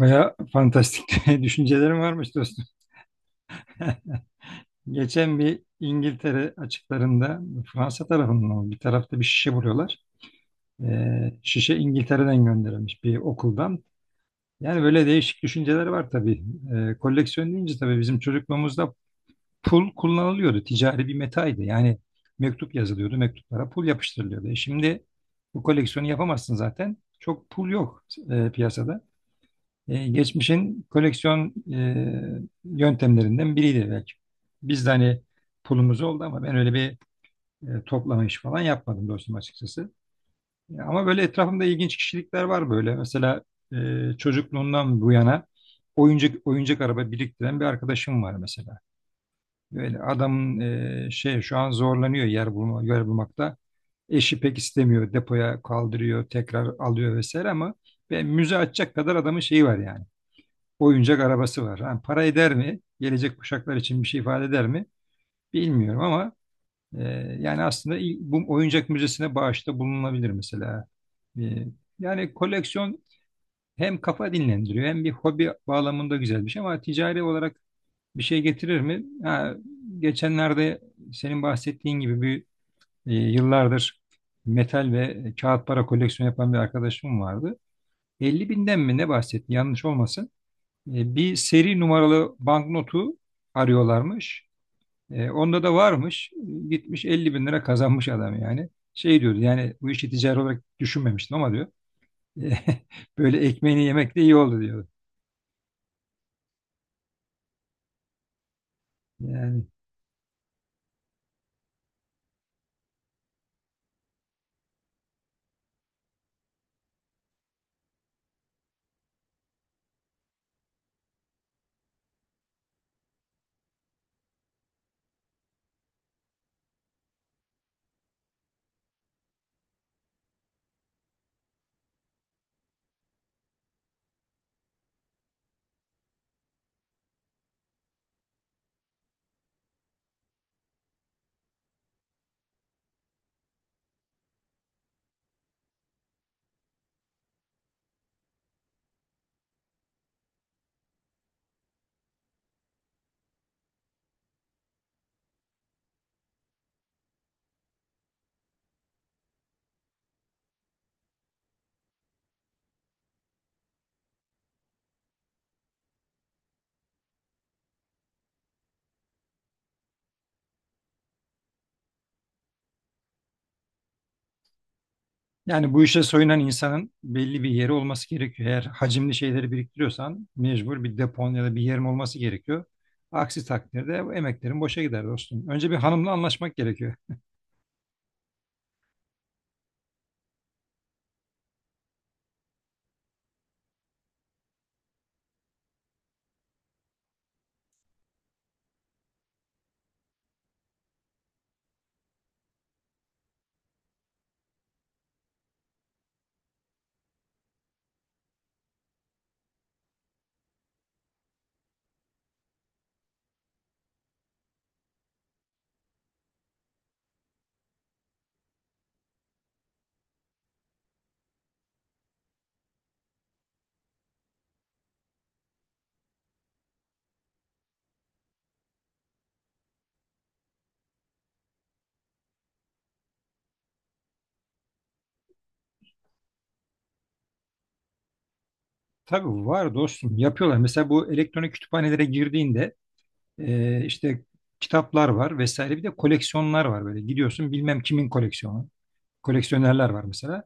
Baya fantastik düşüncelerim varmış dostum. Geçen bir İngiltere açıklarında Fransa tarafından oldu, bir tarafta bir şişe buluyorlar. Şişe İngiltere'den gönderilmiş bir okuldan. Yani böyle değişik düşünceler var tabii. Koleksiyon deyince tabii bizim çocukluğumuzda pul kullanılıyordu. Ticari bir metaydı. Yani mektup yazılıyordu. Mektuplara pul yapıştırılıyordu. Şimdi bu koleksiyonu yapamazsın zaten. Çok pul yok piyasada. Geçmişin koleksiyon yöntemlerinden biriydi belki. Biz de hani pulumuz oldu ama ben öyle bir toplama işi falan yapmadım dostum açıkçası. Ama böyle etrafımda ilginç kişilikler var böyle. Mesela e, çocukluğundan bu yana oyuncak araba biriktiren bir arkadaşım var mesela. Böyle adamın şey şu an zorlanıyor yer bulma, yer bulmakta. Eşi pek istemiyor. Depoya kaldırıyor, tekrar alıyor vesaire ama ben müze açacak kadar adamın şeyi var yani oyuncak arabası var. Ha, para eder mi? Gelecek kuşaklar için bir şey ifade eder mi? Bilmiyorum ama e, yani aslında bu oyuncak müzesine bağışta bulunabilir mesela. E, Yani koleksiyon hem kafa dinlendiriyor hem bir hobi bağlamında güzel bir şey ama ticari olarak bir şey getirir mi? Ha, geçenlerde senin bahsettiğin gibi bir yıllardır metal ve kağıt para koleksiyonu yapan bir arkadaşım vardı. 50 binden mi ne bahsetti, yanlış olmasın? Bir seri numaralı banknotu arıyorlarmış. Onda da varmış. Gitmiş 50 bin lira kazanmış adam yani. Şey diyordu, yani bu işi ticari olarak düşünmemiştim ama diyor. "e, Böyle ekmeğini yemek de iyi oldu, diyor. Yani, yani, bu işe soyunan insanın belli bir yeri olması gerekiyor. Eğer hacimli şeyleri biriktiriyorsan mecbur bir depon ya da bir yerin olması gerekiyor. Aksi takdirde bu emeklerin boşa gider dostum. Önce bir hanımla anlaşmak gerekiyor. Tabii var dostum, yapıyorlar. Mesela bu elektronik kütüphanelere girdiğinde, işte kitaplar var vesaire, bir de koleksiyonlar var, böyle gidiyorsun bilmem kimin koleksiyonu, koleksiyonerler var mesela.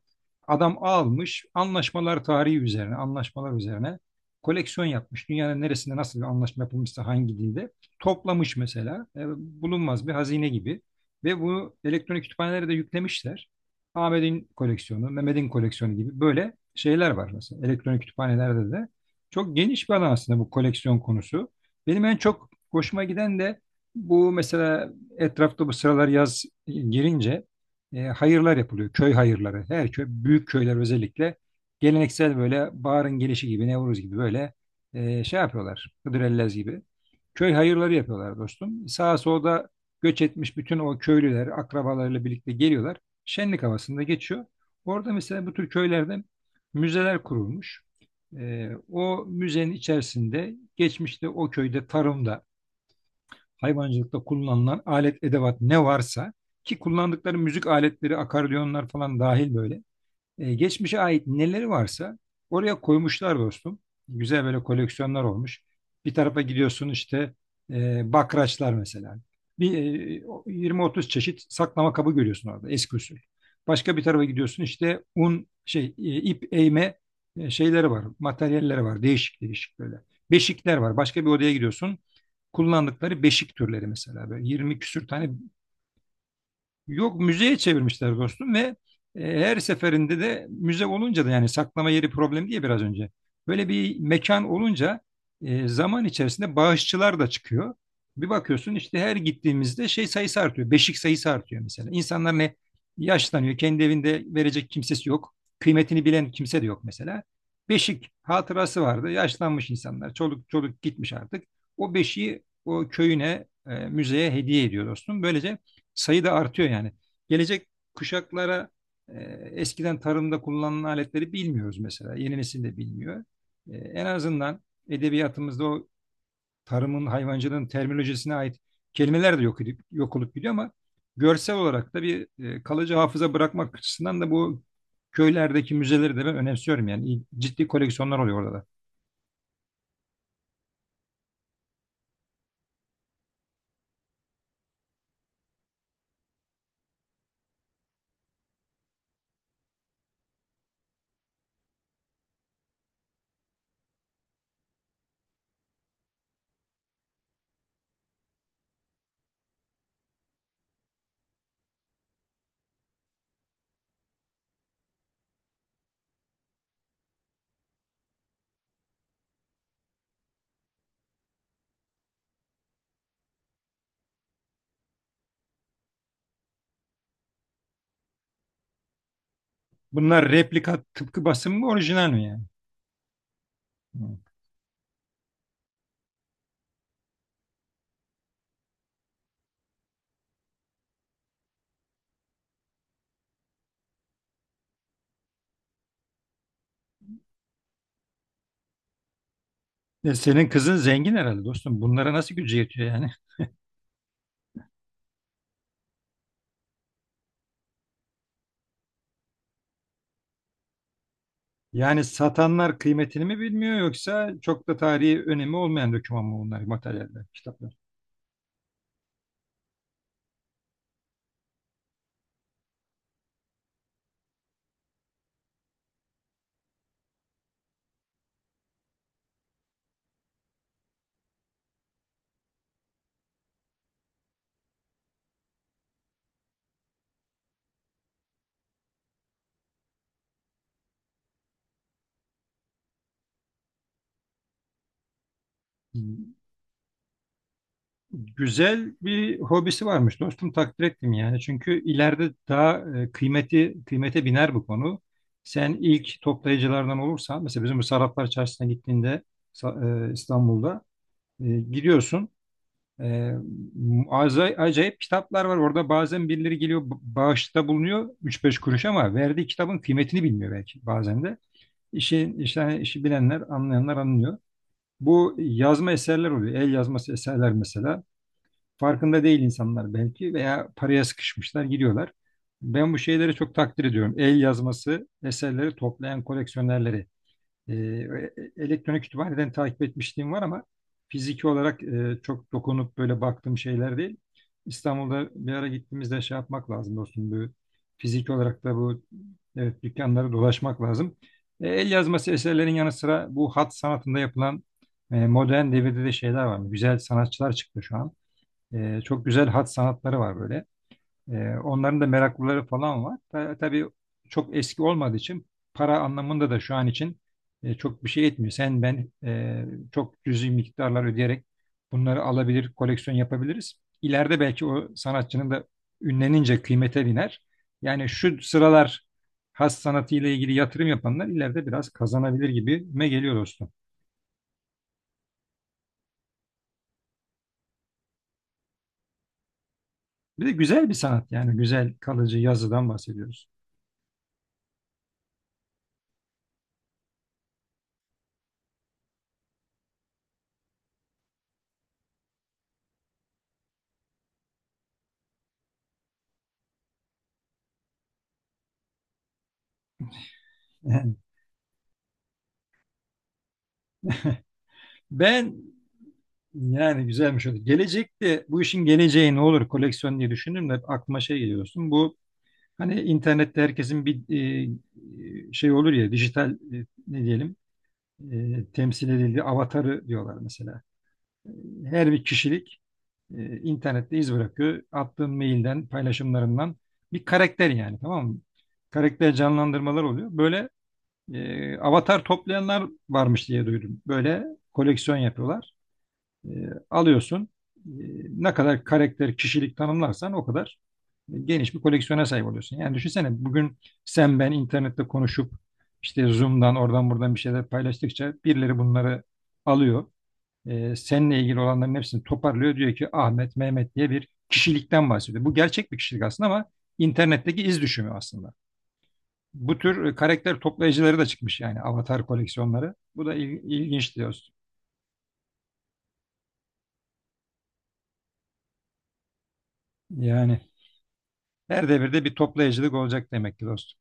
Adam almış anlaşmalar tarihi üzerine, anlaşmalar üzerine koleksiyon yapmış. Dünyanın neresinde nasıl bir anlaşma yapılmışsa hangi dilde toplamış mesela. Bulunmaz bir hazine gibi. Ve bunu elektronik kütüphanelere de yüklemişler. Ahmet'in koleksiyonu, Mehmet'in koleksiyonu gibi böyle şeyler var mesela elektronik kütüphanelerde de. Çok geniş bir alan aslında bu koleksiyon konusu. Benim en çok hoşuma giden de bu mesela. Etrafta bu sıralar yaz girince hayırlar yapılıyor. Köy hayırları. Her köy, büyük köyler özellikle geleneksel böyle baharın gelişi gibi, Nevruz gibi böyle şey yapıyorlar. Hıdrellez gibi. Köy hayırları yapıyorlar dostum. Sağa solda göç etmiş bütün o köylüler akrabalarıyla birlikte geliyorlar. Şenlik havasında geçiyor. Orada mesela bu tür köylerde müzeler kurulmuş. O müzenin içerisinde geçmişte o köyde tarımda, hayvancılıkta kullanılan alet edevat ne varsa, ki kullandıkları müzik aletleri, akordiyonlar falan dahil böyle. Geçmişe ait neleri varsa oraya koymuşlar dostum. Güzel böyle koleksiyonlar olmuş. Bir tarafa gidiyorsun işte, bakraçlar mesela. Bir 20-30 çeşit saklama kabı görüyorsun orada, eski usul. Başka bir tarafa gidiyorsun işte un şey, ip eğme şeyleri var, materyalleri var. Değişik değişik böyle. Beşikler var. Başka bir odaya gidiyorsun. Kullandıkları beşik türleri mesela, böyle 20 küsür tane. Yok, müzeye çevirmişler dostum ve her seferinde de müze olunca da, yani saklama yeri problemi diye biraz önce. Böyle bir mekan olunca zaman içerisinde bağışçılar da çıkıyor. Bir bakıyorsun işte, her gittiğimizde şey sayısı artıyor. Beşik sayısı artıyor mesela. İnsanlar ne, yaşlanıyor. Kendi evinde verecek kimsesi yok. Kıymetini bilen kimse de yok mesela. Beşik hatırası vardı. Yaşlanmış insanlar. Çoluk çoluk gitmiş artık. O beşiği o köyüne, müzeye hediye ediyor dostum. Böylece sayı da artıyor yani. Gelecek kuşaklara e, eskiden tarımda kullanılan aletleri bilmiyoruz mesela. Yeni nesil de bilmiyor. En azından edebiyatımızda o tarımın, hayvancılığın terminolojisine ait kelimeler de yok edip, yok olup gidiyor ama görsel olarak da bir kalıcı hafıza bırakmak açısından da bu köylerdeki müzeleri de ben önemsiyorum yani. Ciddi koleksiyonlar oluyor orada da. Bunlar replika, tıpkı basım mı, orijinal mi yani? Hı. Senin kızın zengin herhalde dostum. Bunlara nasıl gücü yetiyor yani? Yani satanlar kıymetini mi bilmiyor, yoksa çok da tarihi önemi olmayan doküman mı bunlar, materyaller, kitaplar? Güzel bir hobisi varmış dostum, takdir ettim yani. Çünkü ileride daha kıymeti kıymete biner bu konu. Sen ilk toplayıcılardan olursan mesela. Bizim bu Sarraflar Çarşısı'na gittiğinde, İstanbul'da gidiyorsun. E, Acayip kitaplar var orada, bazen birileri geliyor, bağışta bulunuyor, üç beş kuruş, ama verdiği kitabın kıymetini bilmiyor belki bazen de. İşte işi bilenler, anlayanlar anlıyor. Bu yazma eserler oluyor. El yazması eserler mesela. Farkında değil insanlar belki veya paraya sıkışmışlar, giriyorlar. Ben bu şeyleri çok takdir ediyorum. El yazması eserleri toplayan koleksiyonerleri. E, Elektronik kütüphaneden takip etmişliğim var ama fiziki olarak çok dokunup böyle baktığım şeyler değil. İstanbul'da bir ara gittiğimizde şey yapmak lazım dostum. Bu fiziki olarak da bu, evet, dükkanları dolaşmak lazım. El yazması eserlerin yanı sıra bu hat sanatında yapılan modern devirde de şeyler var. Güzel sanatçılar çıktı şu an. Çok güzel hat sanatları var böyle. Onların da meraklıları falan var. Tabii çok eski olmadığı için, para anlamında da şu an için çok bir şey etmiyor. Sen ben çok cüzi miktarlar ödeyerek bunları alabilir, koleksiyon yapabiliriz. İleride belki o sanatçının da ünlenince kıymete biner. Yani şu sıralar has sanatıyla ilgili yatırım yapanlar ileride biraz kazanabilir gibime geliyor dostum. Bir de güzel bir sanat, yani güzel kalıcı yazıdan bahsediyoruz. Ben Yani güzelmiş oldu. Gelecekte bu işin geleceği ne olur koleksiyon diye düşündüm de, hep aklıma şey geliyorsun. Bu, hani internette herkesin bir şey olur ya, dijital ne diyelim, temsil edildiği avatarı diyorlar mesela. Her bir kişilik internette iz bırakıyor. Attığın mailden, paylaşımlarından bir karakter, yani tamam mı? Karakter canlandırmalar oluyor. Böyle avatar toplayanlar varmış diye duydum. Böyle koleksiyon yapıyorlar. E, Alıyorsun. E, Ne kadar karakter, kişilik tanımlarsan o kadar geniş bir koleksiyona sahip oluyorsun. Yani düşünsene, bugün sen ben internette konuşup işte Zoom'dan, oradan buradan bir şeyler paylaştıkça birileri bunları alıyor. Seninle ilgili olanların hepsini toparlıyor. Diyor ki Ahmet, Mehmet diye bir kişilikten bahsediyor. Bu gerçek bir kişilik aslında ama internetteki iz düşümü aslında. Bu tür karakter toplayıcıları da çıkmış, yani avatar koleksiyonları. Bu da ilginç diyorsun. Yani her devirde bir toplayıcılık olacak demek ki dostum.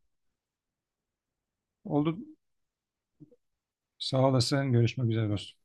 Oldu. Sağ olasın. Görüşmek üzere dostum.